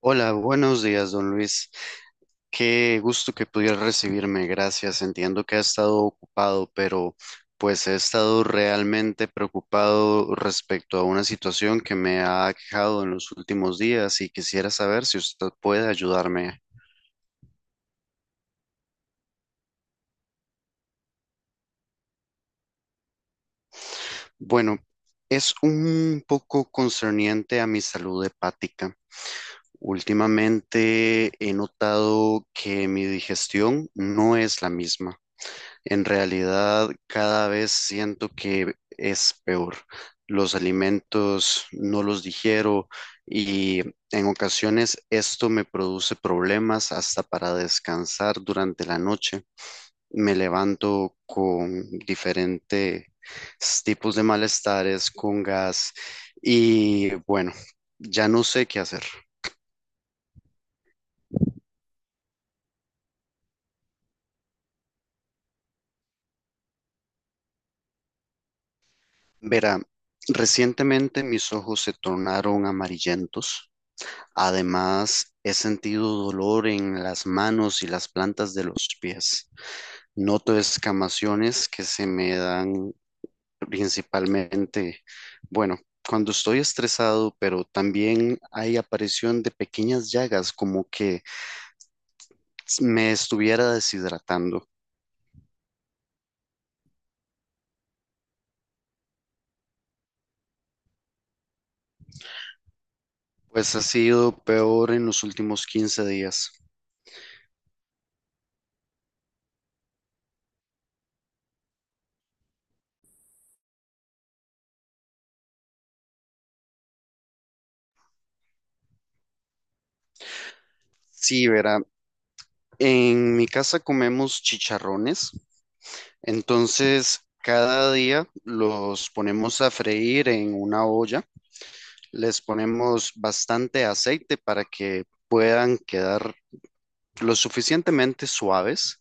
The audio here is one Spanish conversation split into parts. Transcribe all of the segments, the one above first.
Hola, buenos días, don Luis. Qué gusto que pudieras recibirme, gracias. Entiendo que ha estado ocupado, pero pues he estado realmente preocupado respecto a una situación que me ha aquejado en los últimos días y quisiera saber si usted puede ayudarme. Bueno, es un poco concerniente a mi salud hepática. Últimamente he notado que mi digestión no es la misma. En realidad, cada vez siento que es peor. Los alimentos no los digiero y en ocasiones esto me produce problemas hasta para descansar durante la noche. Me levanto con diferentes tipos de malestares, con gas y bueno, ya no sé qué hacer. Verá, recientemente mis ojos se tornaron amarillentos. Además, he sentido dolor en las manos y las plantas de los pies. Noto escamaciones que se me dan principalmente, bueno, cuando estoy estresado, pero también hay aparición de pequeñas llagas como que me estuviera deshidratando. Pues ha sido peor en los últimos 15 días. Sí, verá, en mi casa comemos chicharrones. Entonces, cada día los ponemos a freír en una olla, les ponemos bastante aceite para que puedan quedar lo suficientemente suaves.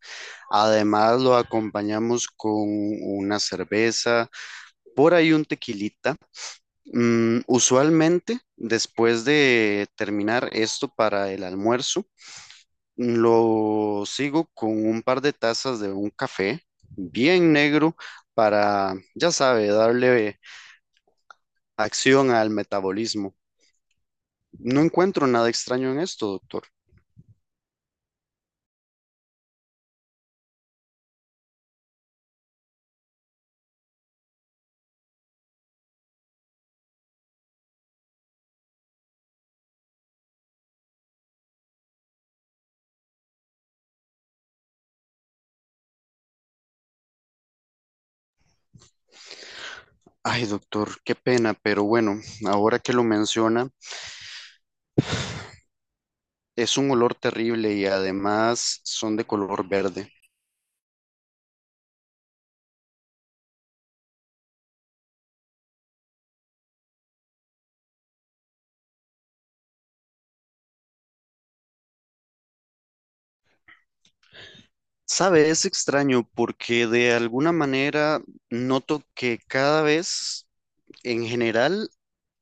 Además, lo acompañamos con una cerveza, por ahí un tequilita. Usualmente, después de terminar esto para el almuerzo, lo sigo con un par de tazas de un café bien negro para, ya sabe, darle acción al metabolismo. No encuentro nada extraño en esto, doctor. Ay, doctor, qué pena, pero bueno, ahora que lo menciona, es un olor terrible y además son de color verde. Sabe, es extraño porque de alguna manera noto que cada vez, en general,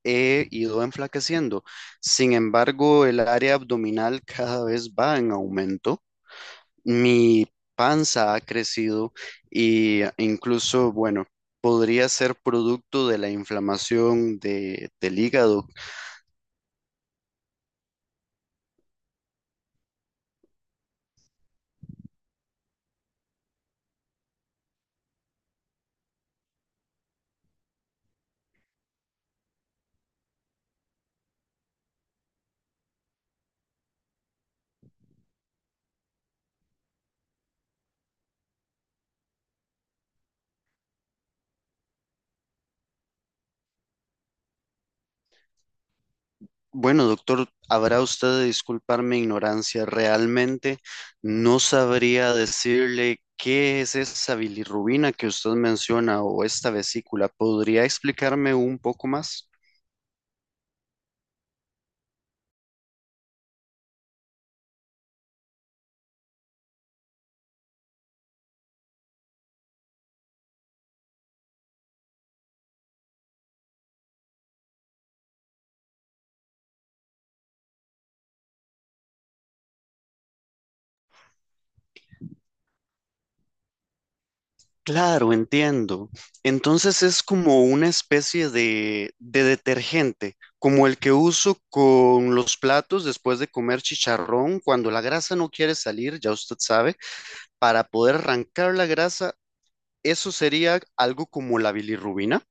he ido enflaqueciendo. Sin embargo, el área abdominal cada vez va en aumento. Mi panza ha crecido y incluso, bueno, podría ser producto de la inflamación del hígado. Bueno, doctor, habrá usted de disculpar mi ignorancia. Realmente no sabría decirle qué es esa bilirrubina que usted menciona o esta vesícula. ¿Podría explicarme un poco más? Claro, entiendo. Entonces es como una especie de detergente, como el que uso con los platos después de comer chicharrón, cuando la grasa no quiere salir, ya usted sabe, para poder arrancar la grasa, eso sería algo como la bilirrubina.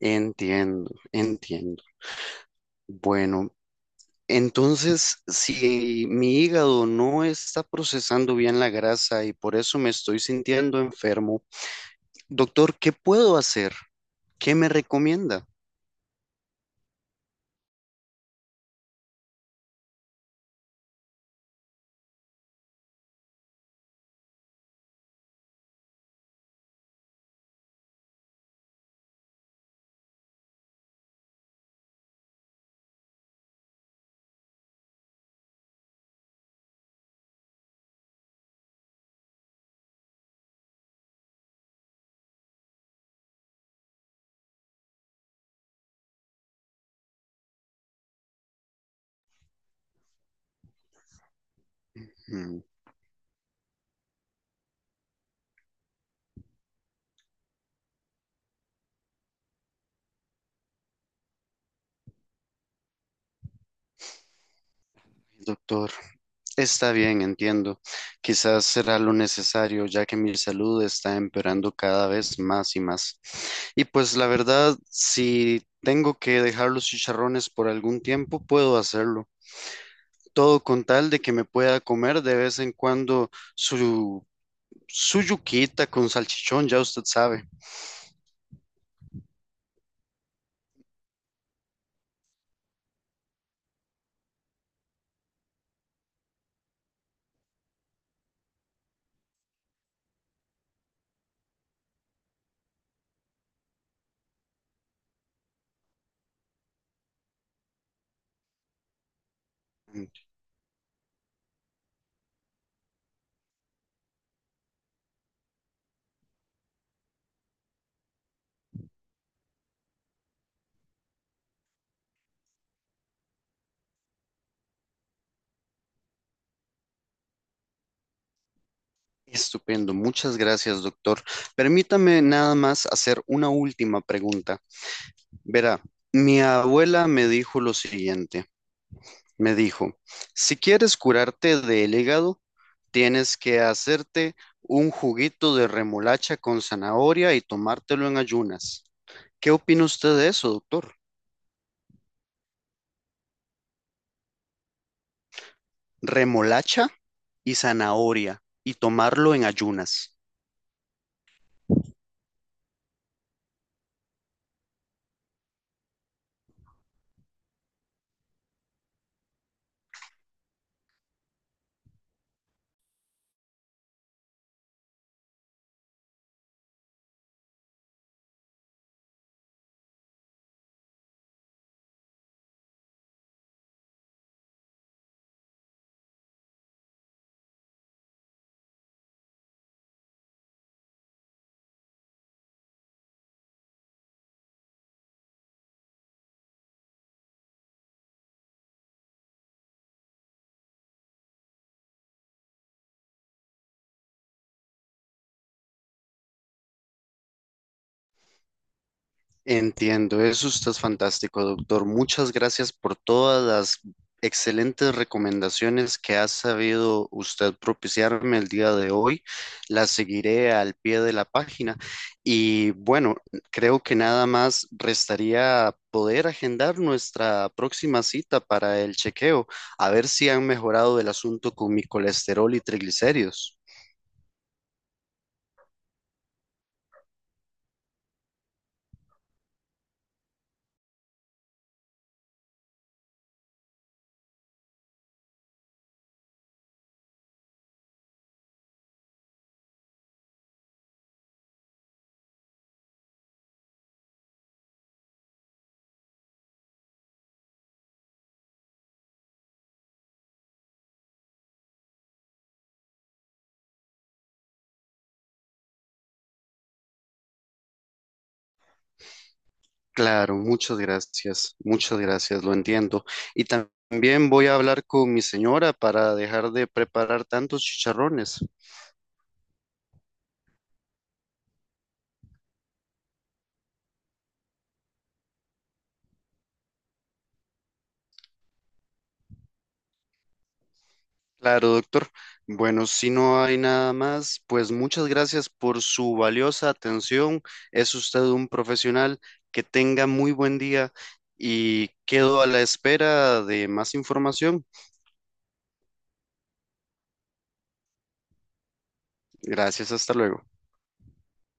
Entiendo, entiendo. Bueno, entonces si mi hígado no está procesando bien la grasa y por eso me estoy sintiendo enfermo, doctor, ¿qué puedo hacer? ¿Qué me recomienda? Mm. Doctor, está bien, entiendo. Quizás será lo necesario, ya que mi salud está empeorando cada vez más y más. Y pues la verdad, si tengo que dejar los chicharrones por algún tiempo, puedo hacerlo. Todo con tal de que me pueda comer de vez en cuando su, su yuquita con salchichón, ya usted sabe. Estupendo, muchas gracias, doctor. Permítame nada más hacer una última pregunta. Verá, mi abuela me dijo lo siguiente, me dijo, si quieres curarte del hígado, tienes que hacerte un juguito de remolacha con zanahoria y tomártelo en ayunas. ¿Qué opina usted de eso, doctor? Remolacha y zanahoria y tomarlo en ayunas. Entiendo, eso usted es fantástico, doctor. Muchas gracias por todas las excelentes recomendaciones que ha sabido usted propiciarme el día de hoy. Las seguiré al pie de la página. Y bueno, creo que nada más restaría poder agendar nuestra próxima cita para el chequeo, a ver si han mejorado el asunto con mi colesterol y triglicéridos. Claro, muchas gracias, lo entiendo. Y tam- también voy a hablar con mi señora para dejar de preparar tantos chicharrones. Claro, doctor. Bueno, si no hay nada más, pues muchas gracias por su valiosa atención. Es usted un profesional. Que tenga muy buen día y quedo a la espera de más información. Gracias, hasta luego.